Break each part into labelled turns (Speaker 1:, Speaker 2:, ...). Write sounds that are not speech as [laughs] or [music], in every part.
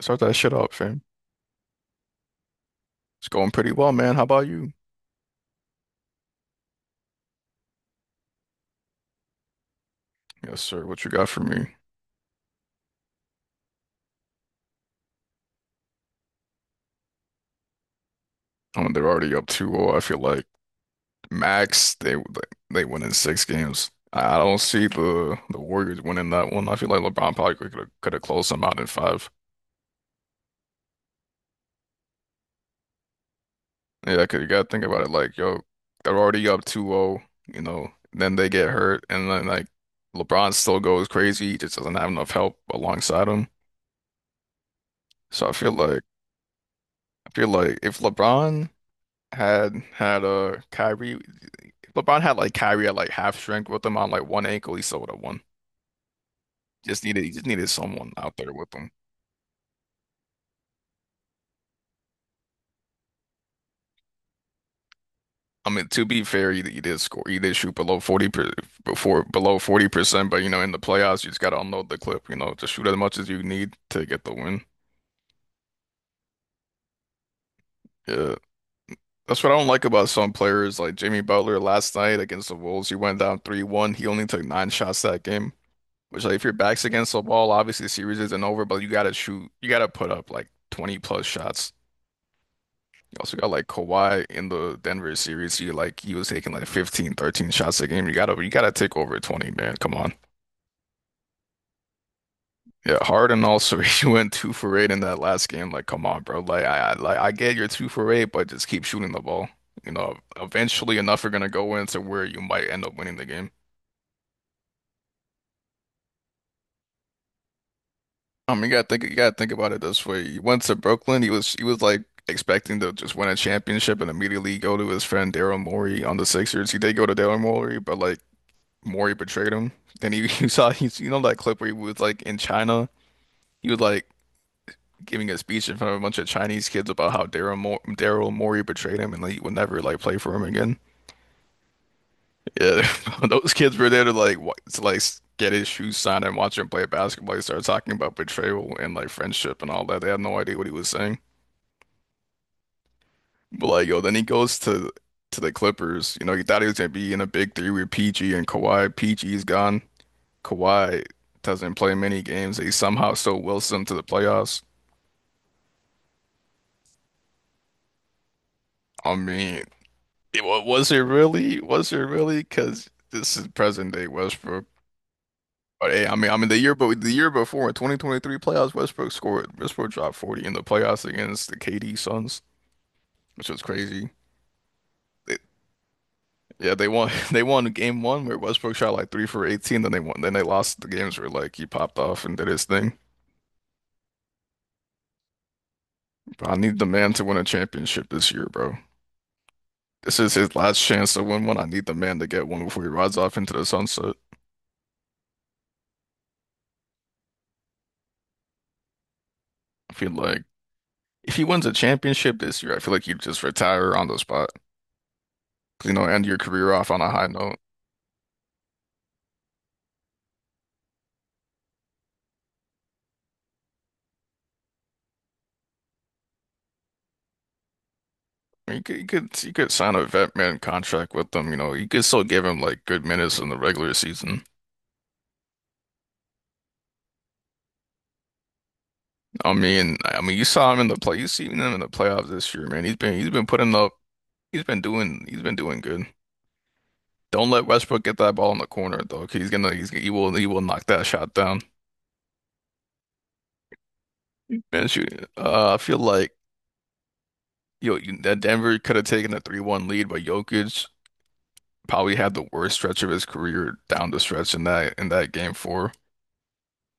Speaker 1: Start that shit up, fam. It's going pretty well, man. How about you? Yes, sir. What you got for me? I They're already up 2-0. I feel like max they win in six games. I don't see the Warriors winning that one. I feel like LeBron probably could have closed them out in five. Yeah, 'cause you gotta think about it. Like, yo, they're already up 2-0. You know, then they get hurt, and then like LeBron still goes crazy. He just doesn't have enough help alongside him. So I feel like if LeBron had had Kyrie LeBron had like Kyrie at like half strength with him on like one ankle. He still would have won. Just needed He just needed someone out there with him. I mean, to be fair, he did score. He did shoot below 40%. But you know, in the playoffs, you just gotta unload the clip. You know, just shoot as much as you need to get the win. Yeah, that's what I don't like about some players like Jimmy Butler last night against the Wolves. He went down 3-1. He only took nine shots that game. Which like if your back's against the wall, obviously the series isn't over. But you gotta shoot. You gotta put up like 20 plus shots. You also got like Kawhi in the Denver series. He was taking like 15, 13 shots a game. You gotta take over 20, man. Come on. Yeah, Harden also [laughs] he went two for eight in that last game. Like, come on, bro. Like like I get you're two for eight, but just keep shooting the ball. You know, eventually enough are gonna go into where you might end up winning the game. I mean, you gotta think about it this way. He went to Brooklyn. He was like expecting to just win a championship and immediately go to his friend Daryl Morey on the Sixers. He did go to Daryl Morey, but like Maury betrayed him. Then he [laughs] you saw he's you know that clip where he was like in China, he was like giving a speech in front of a bunch of Chinese kids about how Daryl Morey betrayed him and like, he would never like play for him again. Yeah, [laughs] those kids were there to get his shoes signed and watch him play basketball. He started talking about betrayal and like friendship and all that. They had no idea what he was saying. But like yo, then he goes to the Clippers. You know, he thought he was gonna be in a big three with PG and Kawhi. PG's gone. Kawhi doesn't play many games. He somehow still wills them to the playoffs. I mean, Was it really? Was it really? Because this is present day Westbrook. But hey, the year before in 2023 playoffs, Westbrook scored. Westbrook dropped 40 in the playoffs against the KD Suns, which was crazy. They, yeah, they won. [laughs] They won game one where Westbrook shot like three for 18. Then they won. Then they lost the games where like he popped off and did his thing. But I need the man to win a championship this year, bro. This is his last chance to win one. I need the man to get one before he rides off into the sunset. I feel like if he wins a championship this year, I feel like you just retire on the spot. 'Cause, you know, end your career off on a high note. I mean, you could sign a vet man contract with them. You know, you could still give him like good minutes in the regular season. I mean, you saw him in the play. You seen him in the playoffs this year, man. He's been putting up. He's been doing good. Don't let Westbrook get that ball in the corner, though. 'Cause He's gonna, he's, he will knock that shot down. Man, shoot. I feel like. Yo, that Denver could have taken a 3-1 lead, but Jokic probably had the worst stretch of his career down the stretch in that game four.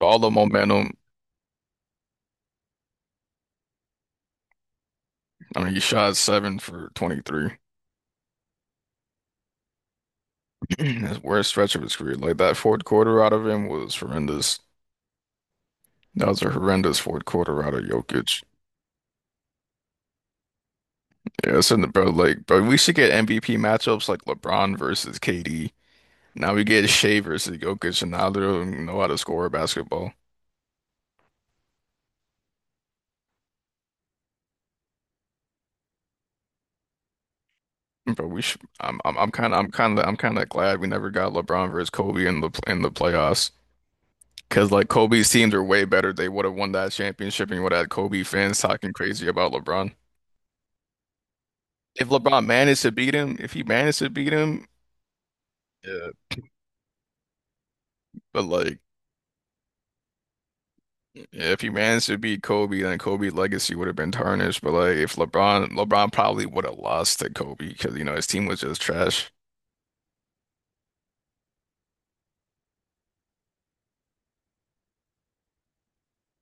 Speaker 1: All the momentum. I mean, he shot seven for 23. [clears throat] His worst stretch of his career. Like that fourth quarter out of him was horrendous. That was a horrendous fourth quarter out of Jokic. Yeah, it's in the bro. Like, but we should get MVP matchups like LeBron versus KD. Now we get Shea versus Jokic, and now they don't even know how to score a basketball. But we should. I'm kind of glad we never got LeBron versus Kobe in the playoffs. Because like Kobe's teams are way better. They would have won that championship and you would have had Kobe fans talking crazy about LeBron. If LeBron managed to beat him, if he managed to beat him, yeah. But like, yeah, if he managed to beat Kobe, then Kobe's legacy would have been tarnished. But like, if LeBron probably would have lost to Kobe because you know his team was just trash.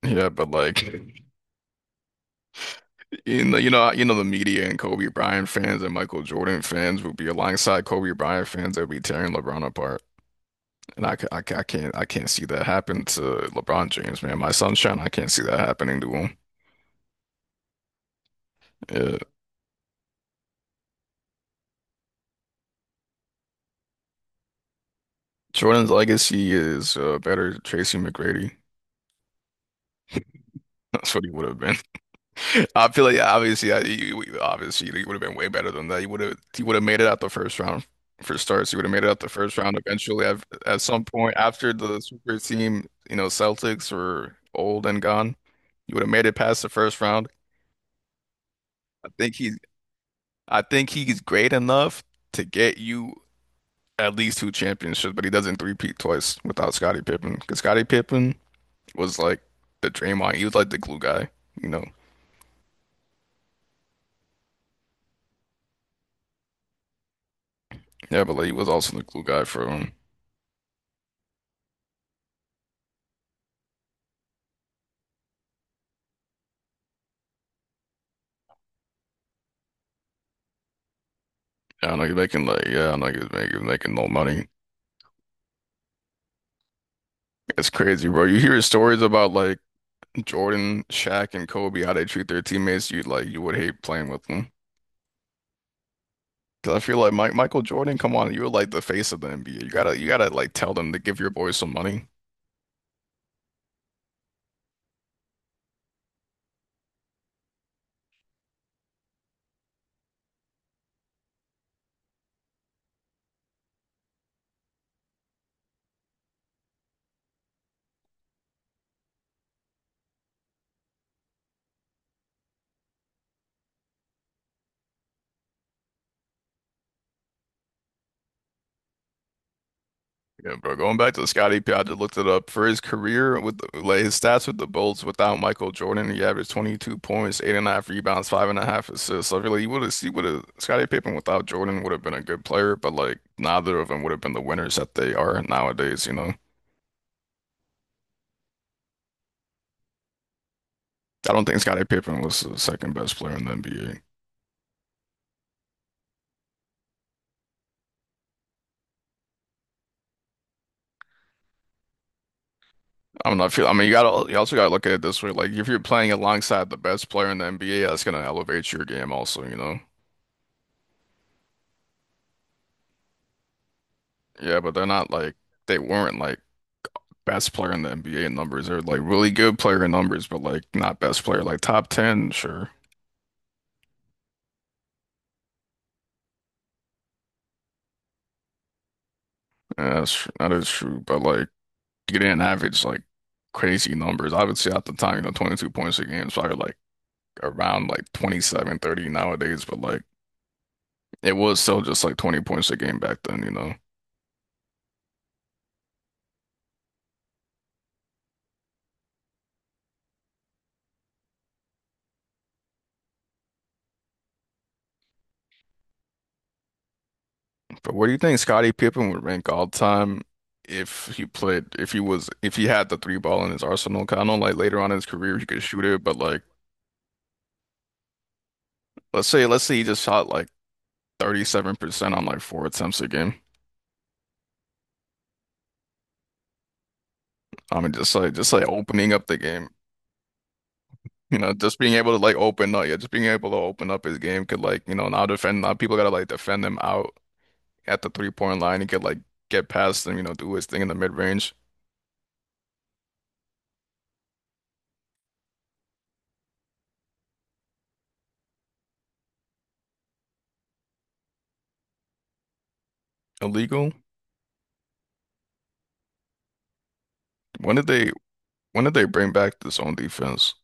Speaker 1: Yeah. But like. In the you know, the media and Kobe Bryant fans and Michael Jordan fans would be alongside Kobe Bryant fans that would be tearing LeBron apart, and I can't see that happen to LeBron James, man. My sunshine, I can't see that happening to him. Yeah. Jordan's legacy is better Tracy McGrady. That's what he would have been. I feel like yeah, obviously, yeah, obviously you would have been way better than that. You would have made it out the first round for starts. You would have made it out the first round eventually. At some point after the super team, you know, Celtics were old and gone. You would have made it past the first round. I think he's I think he's great enough to get you at least two championships, but he doesn't three-peat twice without Scottie Pippen because Scottie Pippen was like the Draymond. He was like the glue guy, you know. Yeah, but like he was also the glue guy for I don't know, making like, yeah, I don't know, making no money. It's crazy, bro. You hear stories about like Jordan, Shaq, and Kobe, how they treat their teammates. You would hate playing with them. Because I feel like Michael Jordan, come on, you're like the face of the NBA. You gotta like tell them to give your boys some money. Yeah, bro. Going back to the Scottie Pippen, I just looked it up. For his career like his stats with the Bulls without Michael Jordan, he averaged 22 points, eight and a half rebounds, five and a half assists. So I like you would have seen what a Scottie Pippen without Jordan would have been a good player, but like neither of them would have been the winners that they are nowadays, you know. I don't think Scottie Pippen was the second best player in the NBA. I'm not feel I mean you also gotta look at it this way. Like if you're playing alongside the best player in the NBA, that's gonna elevate your game also, you know. Yeah, but they weren't like best player in the NBA in numbers. They're like really good player in numbers, but like not best player. Like top 10, sure. Yeah, that is true. But like you didn't average like crazy numbers. I would say at the time, you know, 22 points a game is probably like around like 27, 30 nowadays. But like it was still just like 20 points a game back then, you know. But where do you think Scottie Pippen would rank all time? If he played, if he was, if he had the three ball in his arsenal, 'cause I know like later on in his career he could shoot it, but like let's say he just shot like 37% on like four attempts a game. I mean, just like opening up the game, you know, just being able to open up his game could like, you know, now people gotta like defend him out at the 3-point line. He could like get past them, you know, do his thing in the mid range. Illegal. When did they when did they bring back the zone defense?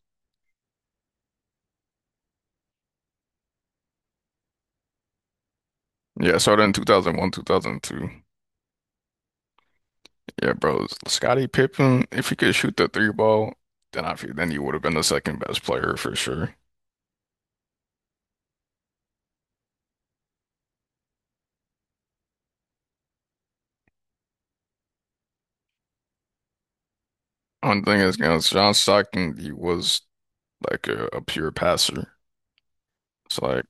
Speaker 1: Yeah, it started in 2001, 2002. Yeah, bro, Scottie Pippen, if he could shoot the three ball, then I feel then he would have been the second best player for sure. One thing is, you know, John Stockton, he was like a pure passer. It's like,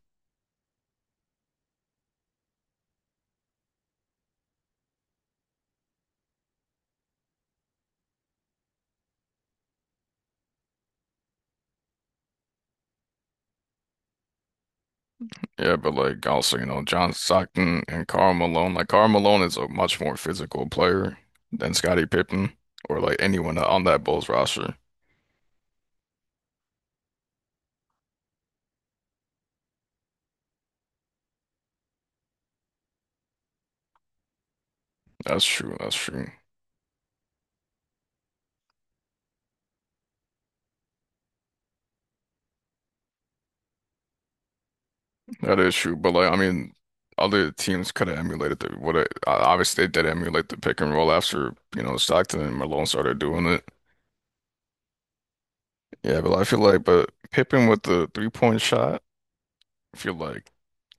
Speaker 1: yeah, but like also, you know, John Stockton and Karl Malone. Like Karl Malone is a much more physical player than Scottie Pippen or like anyone on that Bulls roster. That's true. That's true. That is true. But like, I mean, other teams could have emulated obviously they did emulate the pick and roll after, you know, Stockton and Malone started doing it. Yeah, but I feel like, but Pippen with the 3-point shot. I feel like,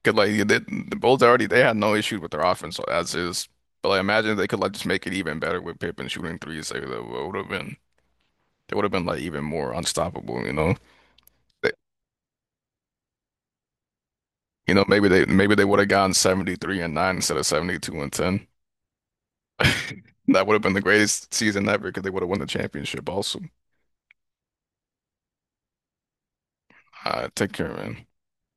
Speaker 1: cause like the Bulls already they had no issues with their offense so as is, but like imagine if they could like just make it even better with Pippen shooting threes. Like that would have been they would have been like even more unstoppable. You know, they, you know maybe they would have gotten 73-9 instead of 72-10. [laughs] That would have been the greatest season ever because they would have won the championship also. Take care, man.